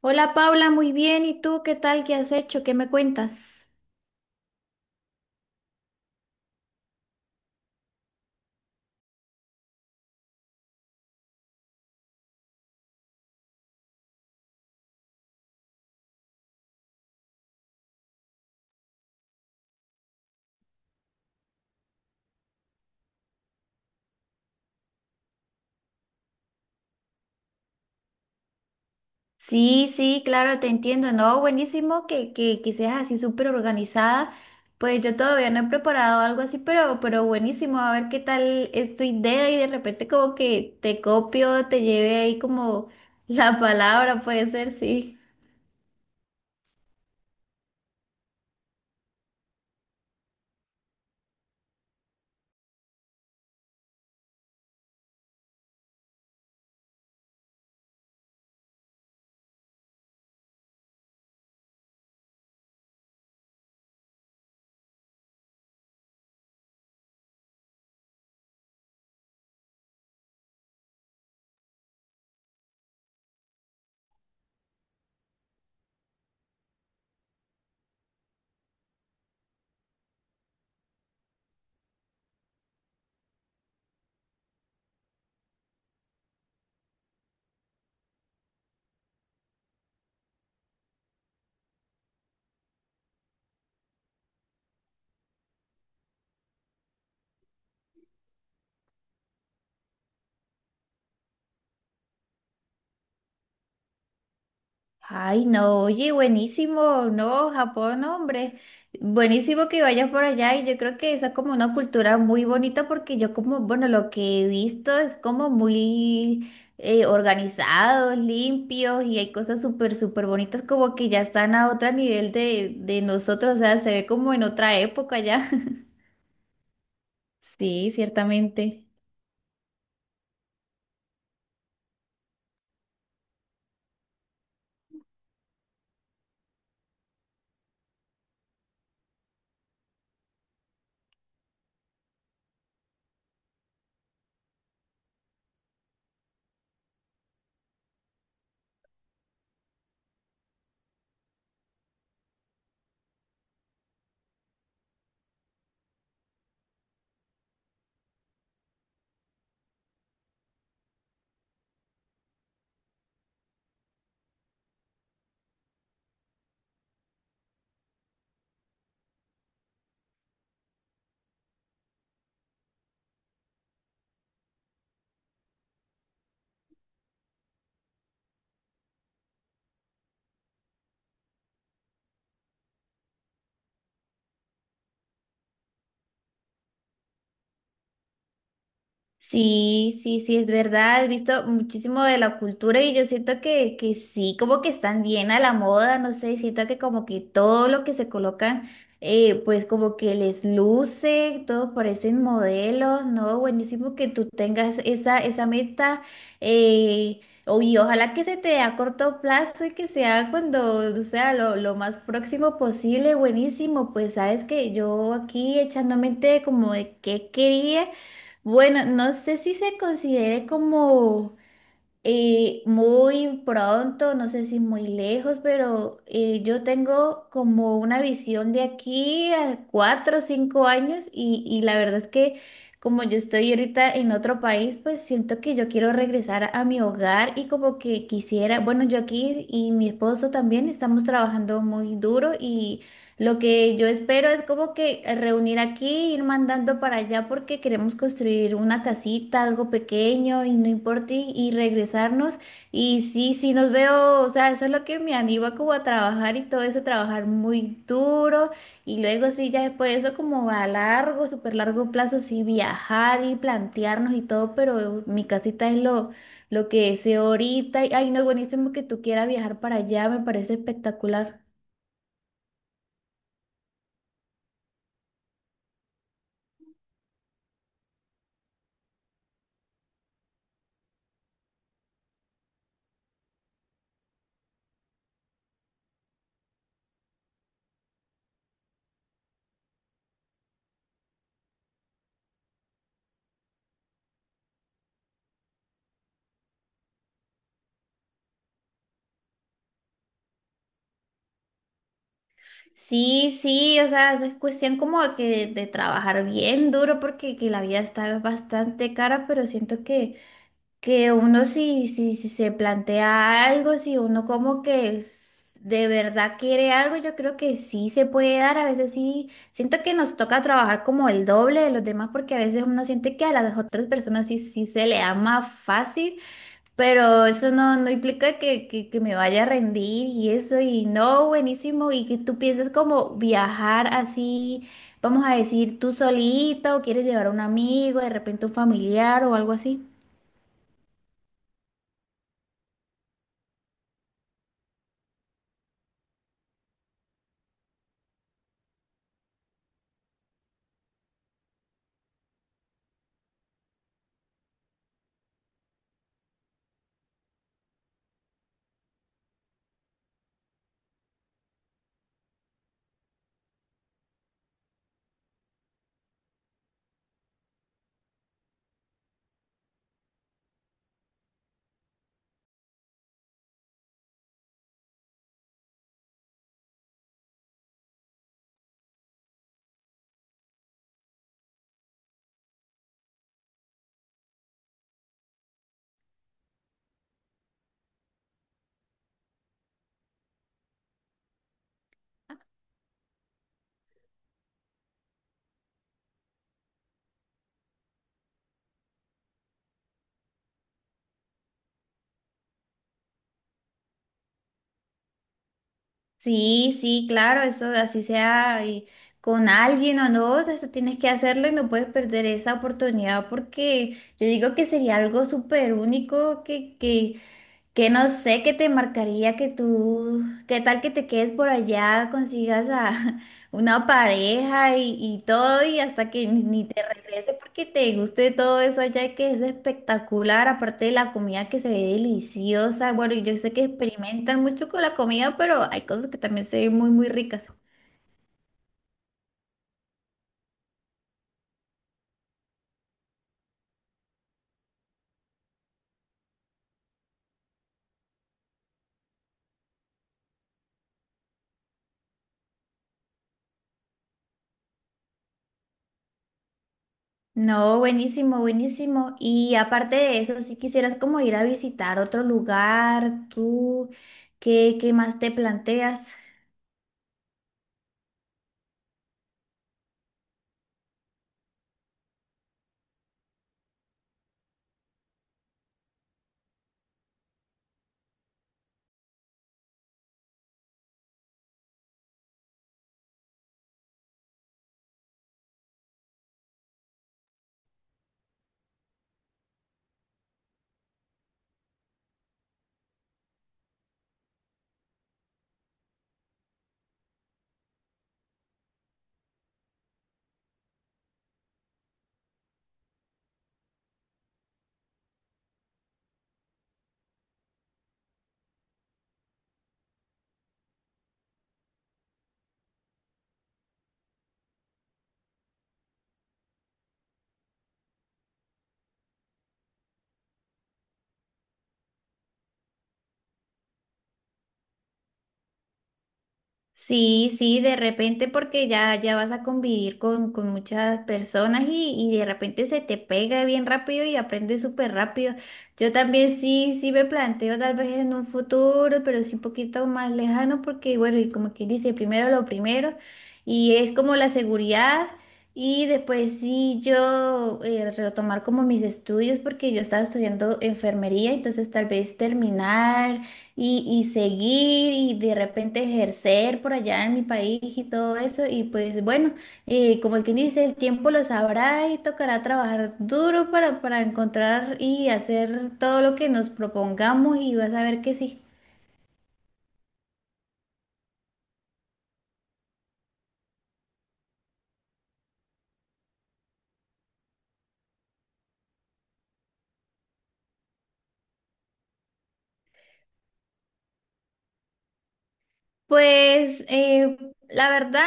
Hola Paula, muy bien. ¿Y tú qué tal? ¿Qué has hecho? ¿Qué me cuentas? Sí, sí, claro, te entiendo. No, buenísimo que seas así súper organizada. Pues yo todavía no he preparado algo así, pero buenísimo. A ver qué tal es tu idea y de repente como que te copio, te lleve ahí como la palabra, puede ser, sí. Ay, no, oye, buenísimo, no, Japón, no, hombre, buenísimo que vayas por allá, y yo creo que esa es como una cultura muy bonita porque yo como, bueno, lo que he visto es como muy organizados, limpios, y hay cosas súper, súper bonitas como que ya están a otro nivel de nosotros, o sea, se ve como en otra época ya. Sí, ciertamente. Sí, sí, sí, es verdad. He visto muchísimo de la cultura y yo siento que sí, como que están bien a la moda, no sé, siento que como que todo lo que se colocan, pues como que les luce, todos parecen modelos, ¿no? Buenísimo que tú tengas esa, esa meta, eh, o- y ojalá que se te dé a corto plazo y que sea cuando, o sea, lo más próximo posible, buenísimo. Pues sabes que yo aquí echando mente como de qué quería. Bueno, no sé si se considere como muy pronto, no sé si muy lejos, pero yo tengo como una visión de aquí a cuatro o cinco años, y la verdad es que como yo estoy ahorita en otro país, pues siento que yo quiero regresar a mi hogar y como que quisiera, bueno, yo aquí y mi esposo también estamos trabajando muy duro, y lo que yo espero es como que reunir aquí, ir mandando para allá porque queremos construir una casita, algo pequeño y no importa, y regresarnos. Y sí, sí nos veo, o sea, eso es lo que me anima como a trabajar y todo eso, trabajar muy duro, y luego sí, ya después de eso como a largo, súper largo plazo, sí, viajar y plantearnos y todo, pero mi casita es lo que deseo ahorita. Y, ay, no, buenísimo que tú quieras viajar para allá, me parece espectacular. Sí, sí, o sea, es cuestión como que de trabajar bien duro porque que la vida está bastante cara, pero siento que uno si se plantea algo, si uno como que de verdad quiere algo, yo creo que sí se puede dar. A veces sí, siento que nos toca trabajar como el doble de los demás porque a veces uno siente que a las otras personas sí, sí se le da más fácil. Pero eso no, no implica que, que me vaya a rendir y eso, y no, buenísimo, y que tú pienses como viajar así, vamos a decir, tú solita, o quieres llevar a un amigo, de repente un familiar o algo así. Sí, sí, claro, eso así sea con alguien o no, eso tienes que hacerlo y no puedes perder esa oportunidad porque yo digo que sería algo súper único que no sé qué te marcaría que tú, qué tal que te quedes por allá, consigas a una pareja y todo, y hasta que ni te regrese porque te guste todo eso allá que es espectacular, aparte de la comida que se ve deliciosa. Bueno, y yo sé que experimentan mucho con la comida, pero hay cosas que también se ven muy, muy ricas. No, buenísimo, buenísimo. Y aparte de eso, si quisieras como ir a visitar otro lugar, tú, ¿qué, qué más te planteas? Sí, sí, de repente porque ya, ya vas a convivir con muchas personas, y de repente se te pega bien rápido y aprendes súper rápido. Yo también sí, sí me planteo tal vez en un futuro, pero sí un poquito más lejano porque, bueno, y como quien dice, primero lo primero, y es como la seguridad, y después sí yo retomar como mis estudios porque yo estaba estudiando enfermería, entonces tal vez terminar, y seguir y de repente ejercer por allá en mi país y todo eso. Y pues bueno, como el que dice, el tiempo lo sabrá y tocará trabajar duro para encontrar y hacer todo lo que nos propongamos, y vas a ver que sí. Pues la verdad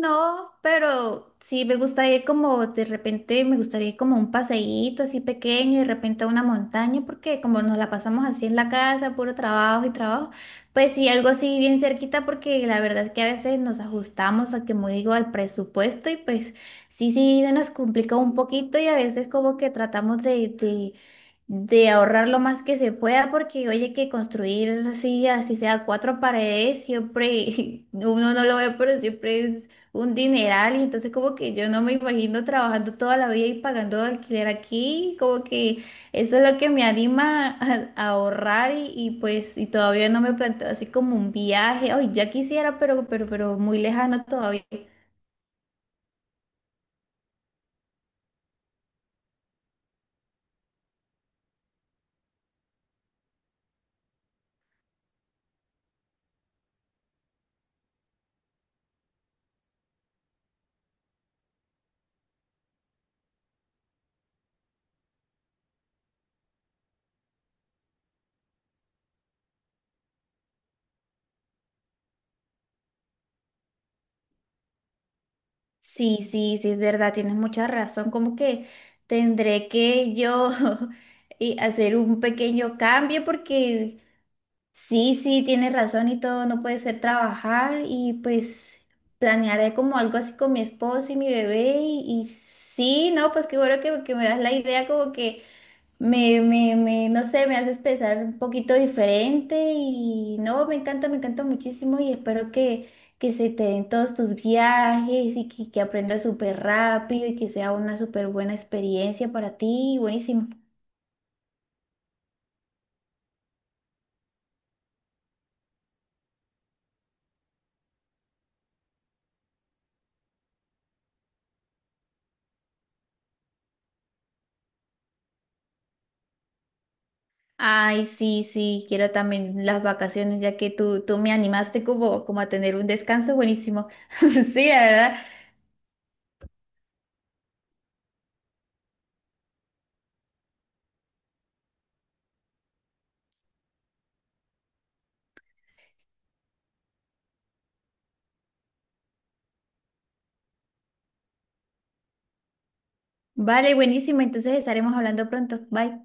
no, pero sí me gusta ir como de repente, me gustaría ir como a un paseíto así pequeño y de repente a una montaña, porque como nos la pasamos así en la casa, puro trabajo y trabajo, pues sí, algo así bien cerquita, porque la verdad es que a veces nos ajustamos a, como digo, al presupuesto, y pues sí, sí, se nos complica un poquito, y a veces como que tratamos de, de ahorrar lo más que se pueda, porque oye, que construir así, así sea cuatro paredes, siempre uno no lo ve, pero siempre es un dineral. Y entonces como que yo no me imagino trabajando toda la vida y pagando alquiler aquí, como que eso es lo que me anima a ahorrar, y pues y todavía no me planteo así como un viaje. Ay, ya quisiera, pero muy lejano todavía. Sí, sí, sí, es verdad, tienes mucha razón. Como que tendré que yo y hacer un pequeño cambio porque sí, sí, tienes razón y todo, no puede ser trabajar, y pues planearé como algo así con mi esposo y mi bebé, y sí, no, pues qué bueno que me das la idea como que me, no sé, me haces pensar un poquito diferente y no, me encanta muchísimo y espero que se te den todos tus viajes y que aprendas súper rápido y que sea una súper buena experiencia para ti, buenísimo. Ay, sí, sí, quiero también las vacaciones ya que tú me animaste como, como a tener un descanso, buenísimo. Sí, la verdad. Vale, buenísimo, entonces estaremos hablando pronto. Bye.